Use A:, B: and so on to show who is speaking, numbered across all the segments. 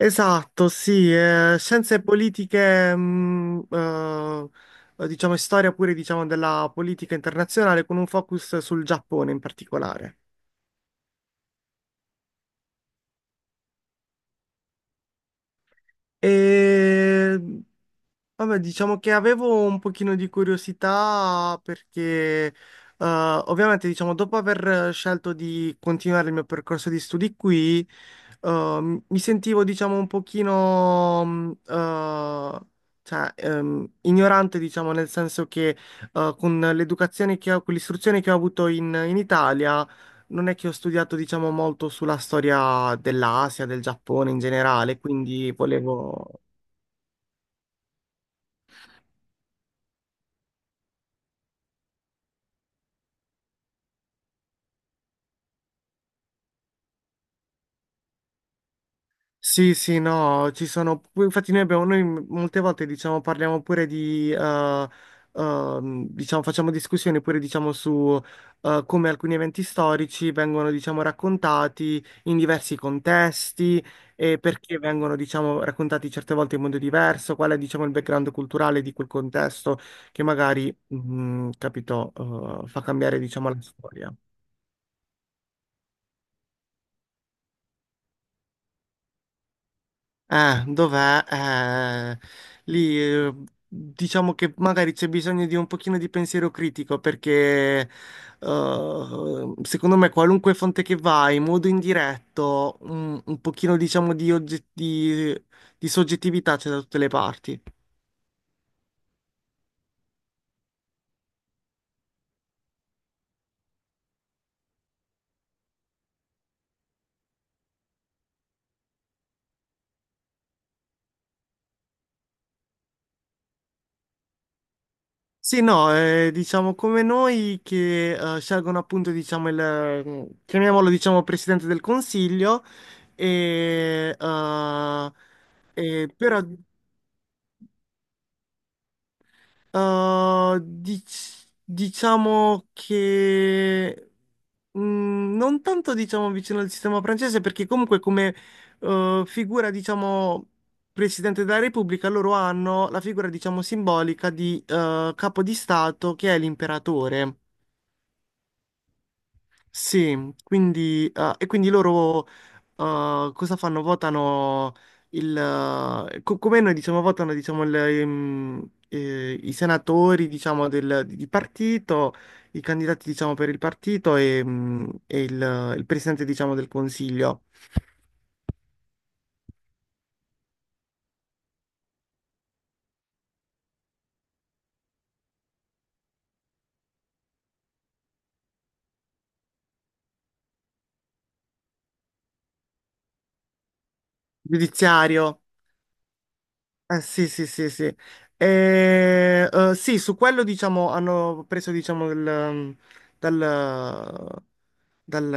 A: Esatto, sì, scienze politiche, diciamo, e storia pure, diciamo, della politica internazionale con un focus sul Giappone in particolare. E Vabbè, diciamo che avevo un pochino di curiosità perché eh, ovviamente diciamo dopo aver scelto di continuare il mio percorso di studi qui mi sentivo diciamo un pochino cioè, ignorante diciamo nel senso che con l'educazione che ho, con l'istruzione che ho avuto in Italia non è che ho studiato diciamo molto sulla storia dell'Asia, del Giappone in generale, quindi volevo. Sì, sì, no, ci sono, infatti noi abbiamo, noi molte volte diciamo parliamo pure diciamo facciamo discussioni pure diciamo su come alcuni eventi storici vengono diciamo raccontati in diversi contesti e perché vengono diciamo raccontati certe volte in modo diverso, qual è diciamo il background culturale di quel contesto che magari, capito, fa cambiare diciamo la storia. Ah, dov'è? Lì, diciamo che magari c'è bisogno di un pochino di pensiero critico perché secondo me qualunque fonte che vai, in modo indiretto, un pochino diciamo di soggettività c'è da tutte le parti. Sì, no, diciamo come noi che scelgono appunto diciamo chiamiamolo diciamo Presidente del Consiglio. E però, diciamo che non tanto diciamo vicino al sistema francese, perché comunque come figura, diciamo, Presidente della Repubblica, loro hanno la figura, diciamo, simbolica di capo di Stato che è l'imperatore. Sì, quindi, e quindi loro, cosa fanno? Votano come noi diciamo, votano diciamo i senatori diciamo di partito, i candidati diciamo per il partito, e il presidente diciamo del consiglio. Giudiziario. Sì, sì, sì, sì. E, sì, su quello diciamo hanno preso diciamo il, mm, dal, dal,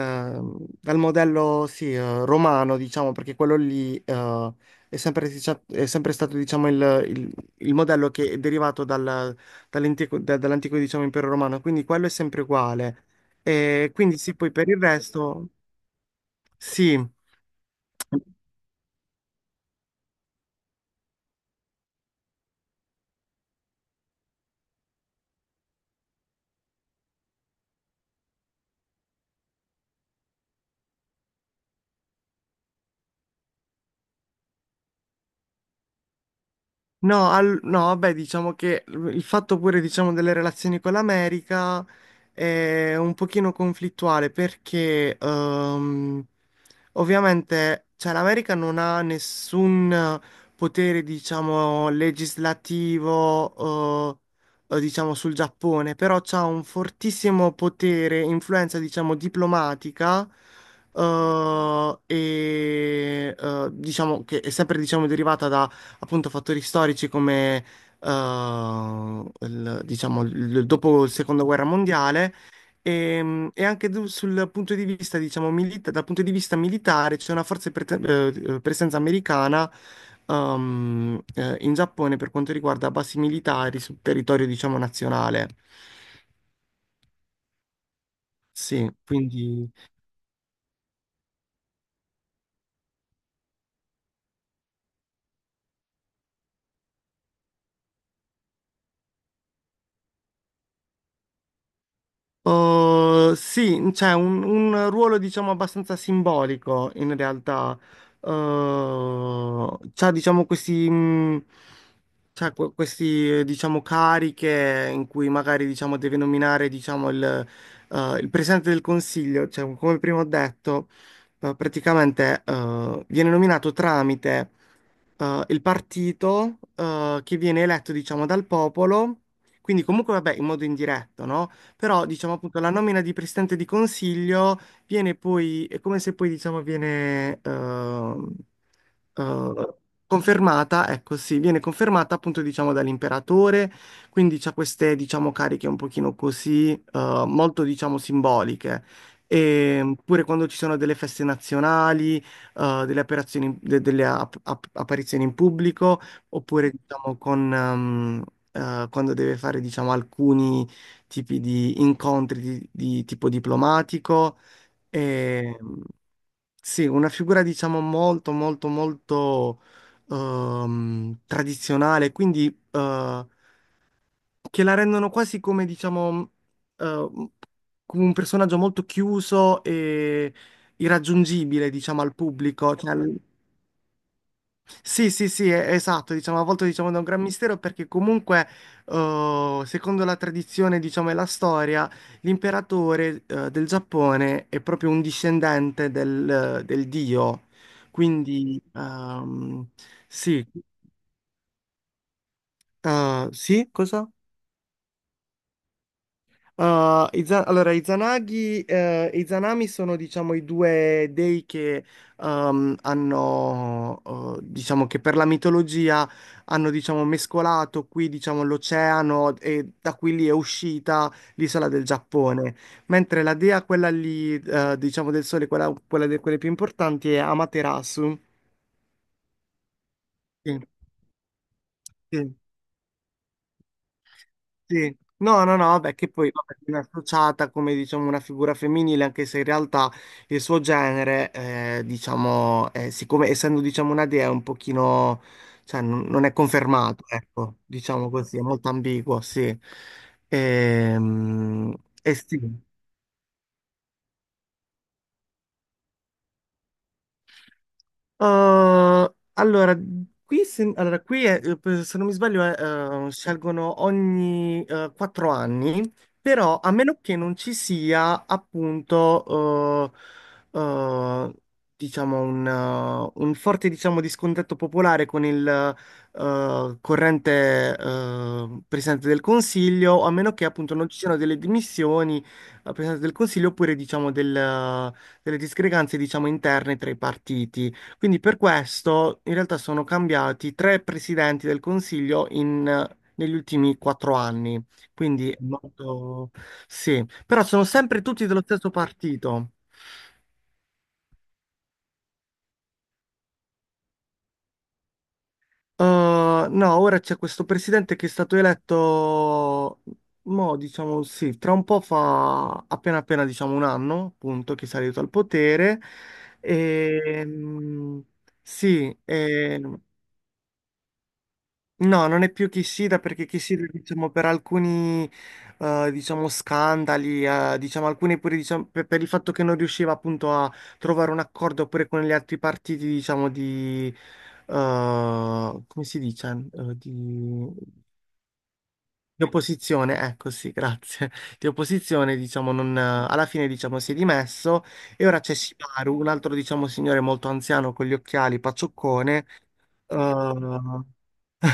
A: dal modello, sì, romano, diciamo, perché quello lì è sempre stato diciamo il modello che è derivato dall'antico, diciamo, impero romano, quindi quello è sempre uguale. E quindi sì, poi per il resto, sì. No, no, vabbè, diciamo che il fatto pure, diciamo, delle relazioni con l'America è un pochino conflittuale perché ovviamente, cioè, l'America non ha nessun potere, diciamo, legislativo, diciamo, sul Giappone, però c'ha un fortissimo potere, influenza, diciamo, diplomatica. E diciamo che è sempre diciamo derivata da appunto fattori storici come diciamo dopo la seconda guerra mondiale, e anche sul punto di vista diciamo dal punto di vista militare c'è una forte presenza americana in Giappone per quanto riguarda basi militari sul territorio diciamo nazionale. Sì, quindi, sì, c'è un ruolo diciamo abbastanza simbolico in realtà. C'ha diciamo questi diciamo cariche in cui magari diciamo deve nominare diciamo il presidente del consiglio, cioè come prima ho detto, praticamente viene nominato tramite il partito che viene eletto diciamo dal popolo, quindi comunque vabbè in modo indiretto, no? Però diciamo appunto la nomina di presidente di consiglio viene poi, è come se poi diciamo viene eh, confermata, ecco sì, viene confermata appunto diciamo dall'imperatore, quindi c'ha queste diciamo cariche un pochino così, molto diciamo simboliche. E pure quando ci sono delle feste nazionali, delle apparizioni in pubblico, oppure diciamo quando deve fare diciamo alcuni tipi di incontri di tipo diplomatico. E, sì, una figura diciamo molto, molto, molto tradizionale, quindi eh, che la rendono quasi come diciamo eh, come un personaggio molto chiuso e irraggiungibile, diciamo, al pubblico. Cioè. Sì, sì, sì, esatto, diciamo, a volte diciamo da un gran mistero perché comunque, secondo la tradizione, diciamo, e la storia, l'imperatore, del Giappone è proprio un discendente del dio. Quindi, sì, sì, cosa? Allora, i Izanagi, e i Izanami sono, diciamo, i due dei che hanno, diciamo, che per la mitologia hanno, diciamo, mescolato qui, diciamo, l'oceano, e da qui lì è uscita l'isola del Giappone. Mentre la dea, quella lì, diciamo, del sole, quella di quelle più importanti, è Amaterasu. Sì, sì. Sì. No, no, no, beh, che poi vabbè, viene associata come diciamo una figura femminile, anche se in realtà il suo genere, diciamo, siccome essendo diciamo una dea è un pochino, cioè non è confermato, ecco, diciamo così, è molto ambiguo, sì. Ehm, E, sì. Uh, allora, qui, se, allora, se non mi sbaglio, scelgono ogni 4 anni, però a meno che non ci sia appunto, eh, eh, diciamo, un forte, diciamo, discontento popolare con il corrente Presidente del Consiglio, a meno che appunto non ci siano delle dimissioni al Presidente del Consiglio oppure, diciamo, delle discrepanze, diciamo, interne tra i partiti. Quindi per questo in realtà sono cambiati tre presidenti del Consiglio negli ultimi 4 anni. Quindi è molto. Sì, però sono sempre tutti dello stesso partito. Eh, no, ora c'è questo presidente che è stato eletto, mo, diciamo sì, tra un po' fa appena appena diciamo un anno, appunto, che è salito al potere. E, sì. No, non è più Kishida perché Kishida, diciamo, per alcuni, diciamo, scandali, diciamo, alcuni pure, diciamo, per il fatto che non riusciva appunto a trovare un accordo pure con gli altri partiti, diciamo, come si dice? Di opposizione, ecco, sì, grazie. Di opposizione, diciamo, non, alla fine, diciamo, si è dimesso e ora c'è Shimaru, un altro, diciamo, signore molto anziano con gli occhiali, paccioccone, eh,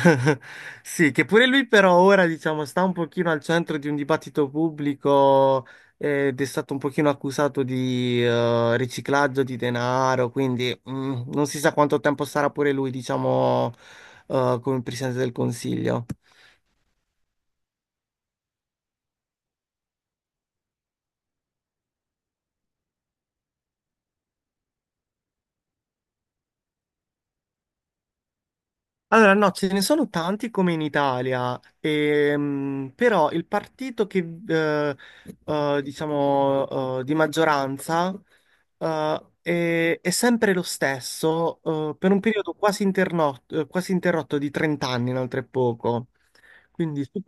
A: Sì, che pure lui però ora, diciamo, sta un pochino al centro di un dibattito pubblico, ed è stato un pochino accusato di riciclaggio di denaro, quindi non si sa quanto tempo sarà pure lui, diciamo, come presidente del Consiglio. Allora, no, ce ne sono tanti come in Italia, però il partito che, eh, diciamo, di maggioranza, è sempre lo stesso, per un periodo quasi interrotto di 30 anni, inoltre poco. Quindi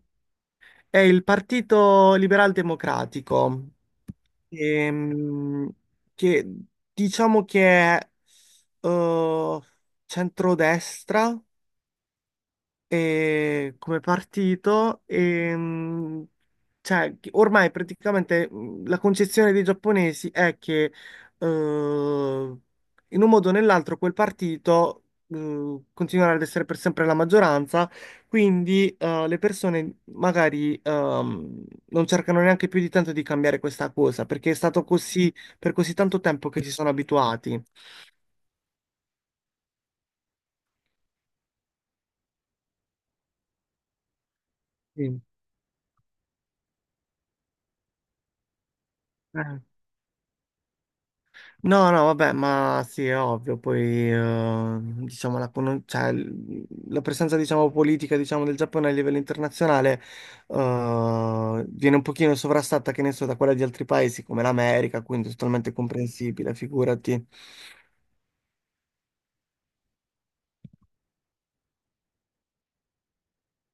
A: è il Partito Liberal Democratico, ehm, che diciamo che è eh, centrodestra come partito, e cioè, che ormai praticamente la concezione dei giapponesi è che eh, in un modo o nell'altro quel partito continuerà ad essere per sempre la maggioranza, quindi le persone magari non cercano neanche più di tanto di cambiare questa cosa, perché è stato così per così tanto tempo che si sono abituati. Sì. Eh, No, no, vabbè, ma sì, è ovvio, poi diciamo cioè, la presenza diciamo, politica diciamo, del Giappone a livello internazionale, viene un pochino sovrastata, che ne so, da quella di altri paesi come l'America, quindi è totalmente comprensibile, figurati.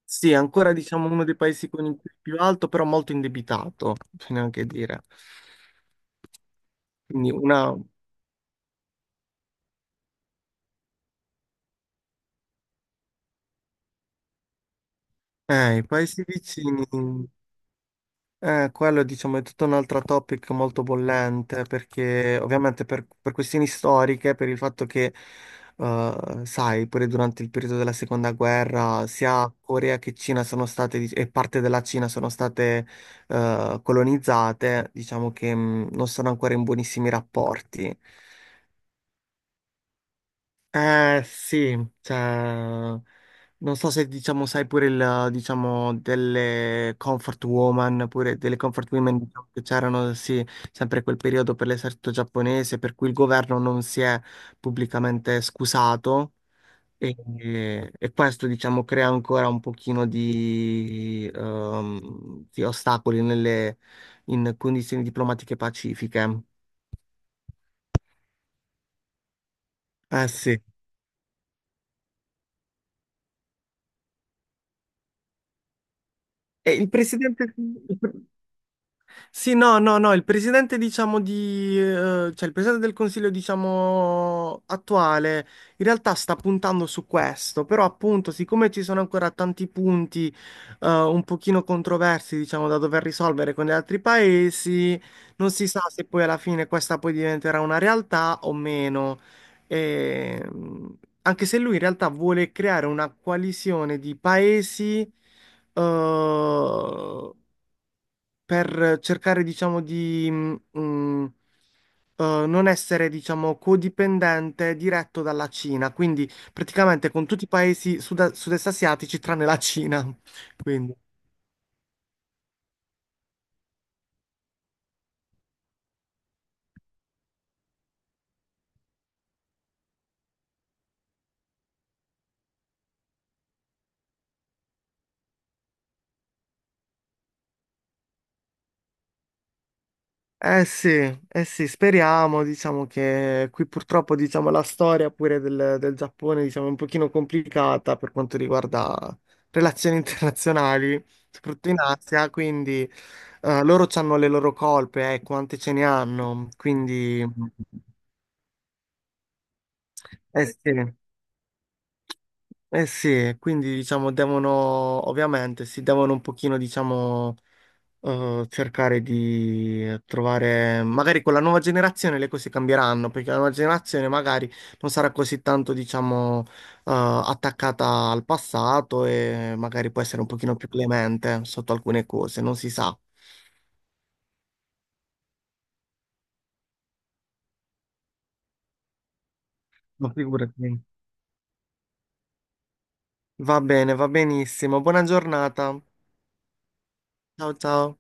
A: Sì, è ancora diciamo uno dei paesi con il PIL più alto, però molto indebitato, bisogna anche dire. Quindi i paesi vicini. Quello diciamo è tutto un altro topic molto bollente perché ovviamente per questioni storiche, per il fatto che, sai, pure durante il periodo della seconda guerra sia Corea che Cina sono state, e parte della Cina sono state, colonizzate, diciamo che, non sono ancora in buonissimi rapporti. Eh sì, cioè, non so se diciamo, sai pure diciamo, delle comfort woman, pure delle comfort women diciamo, che c'erano, sì, sempre quel periodo per l'esercito giapponese, per cui il governo non si è pubblicamente scusato, e questo, diciamo, crea ancora un pochino di ostacoli nelle, in condizioni diplomatiche pacifiche. Eh sì. E il presidente. Sì, no, no, no, il presidente, diciamo, cioè il presidente del Consiglio, diciamo, attuale, in realtà sta puntando su questo, però appunto, siccome ci sono ancora tanti punti, un pochino controversi, diciamo, da dover risolvere con gli altri paesi, non si sa se poi alla fine questa poi diventerà una realtà o meno. E, anche se lui in realtà vuole creare una coalizione di paesi, eh, per cercare, diciamo, di non essere, diciamo, codipendente diretto dalla Cina, quindi praticamente con tutti i paesi sud-est asiatici tranne la Cina. Quindi, sì, eh sì, speriamo, diciamo che qui purtroppo, diciamo, la storia pure del Giappone, diciamo, è un pochino complicata per quanto riguarda relazioni internazionali, soprattutto in Asia, quindi loro hanno le loro colpe, quante ce ne hanno, quindi. Eh sì, eh sì, quindi diciamo devono, ovviamente, si devono un pochino, diciamo, cercare di trovare, magari con la nuova generazione le cose cambieranno, perché la nuova generazione magari non sarà così tanto, diciamo, attaccata al passato e magari può essere un pochino più clemente sotto alcune cose, non si sa. Ma figurati. Va bene, va benissimo. Buona giornata. Ciao ciao.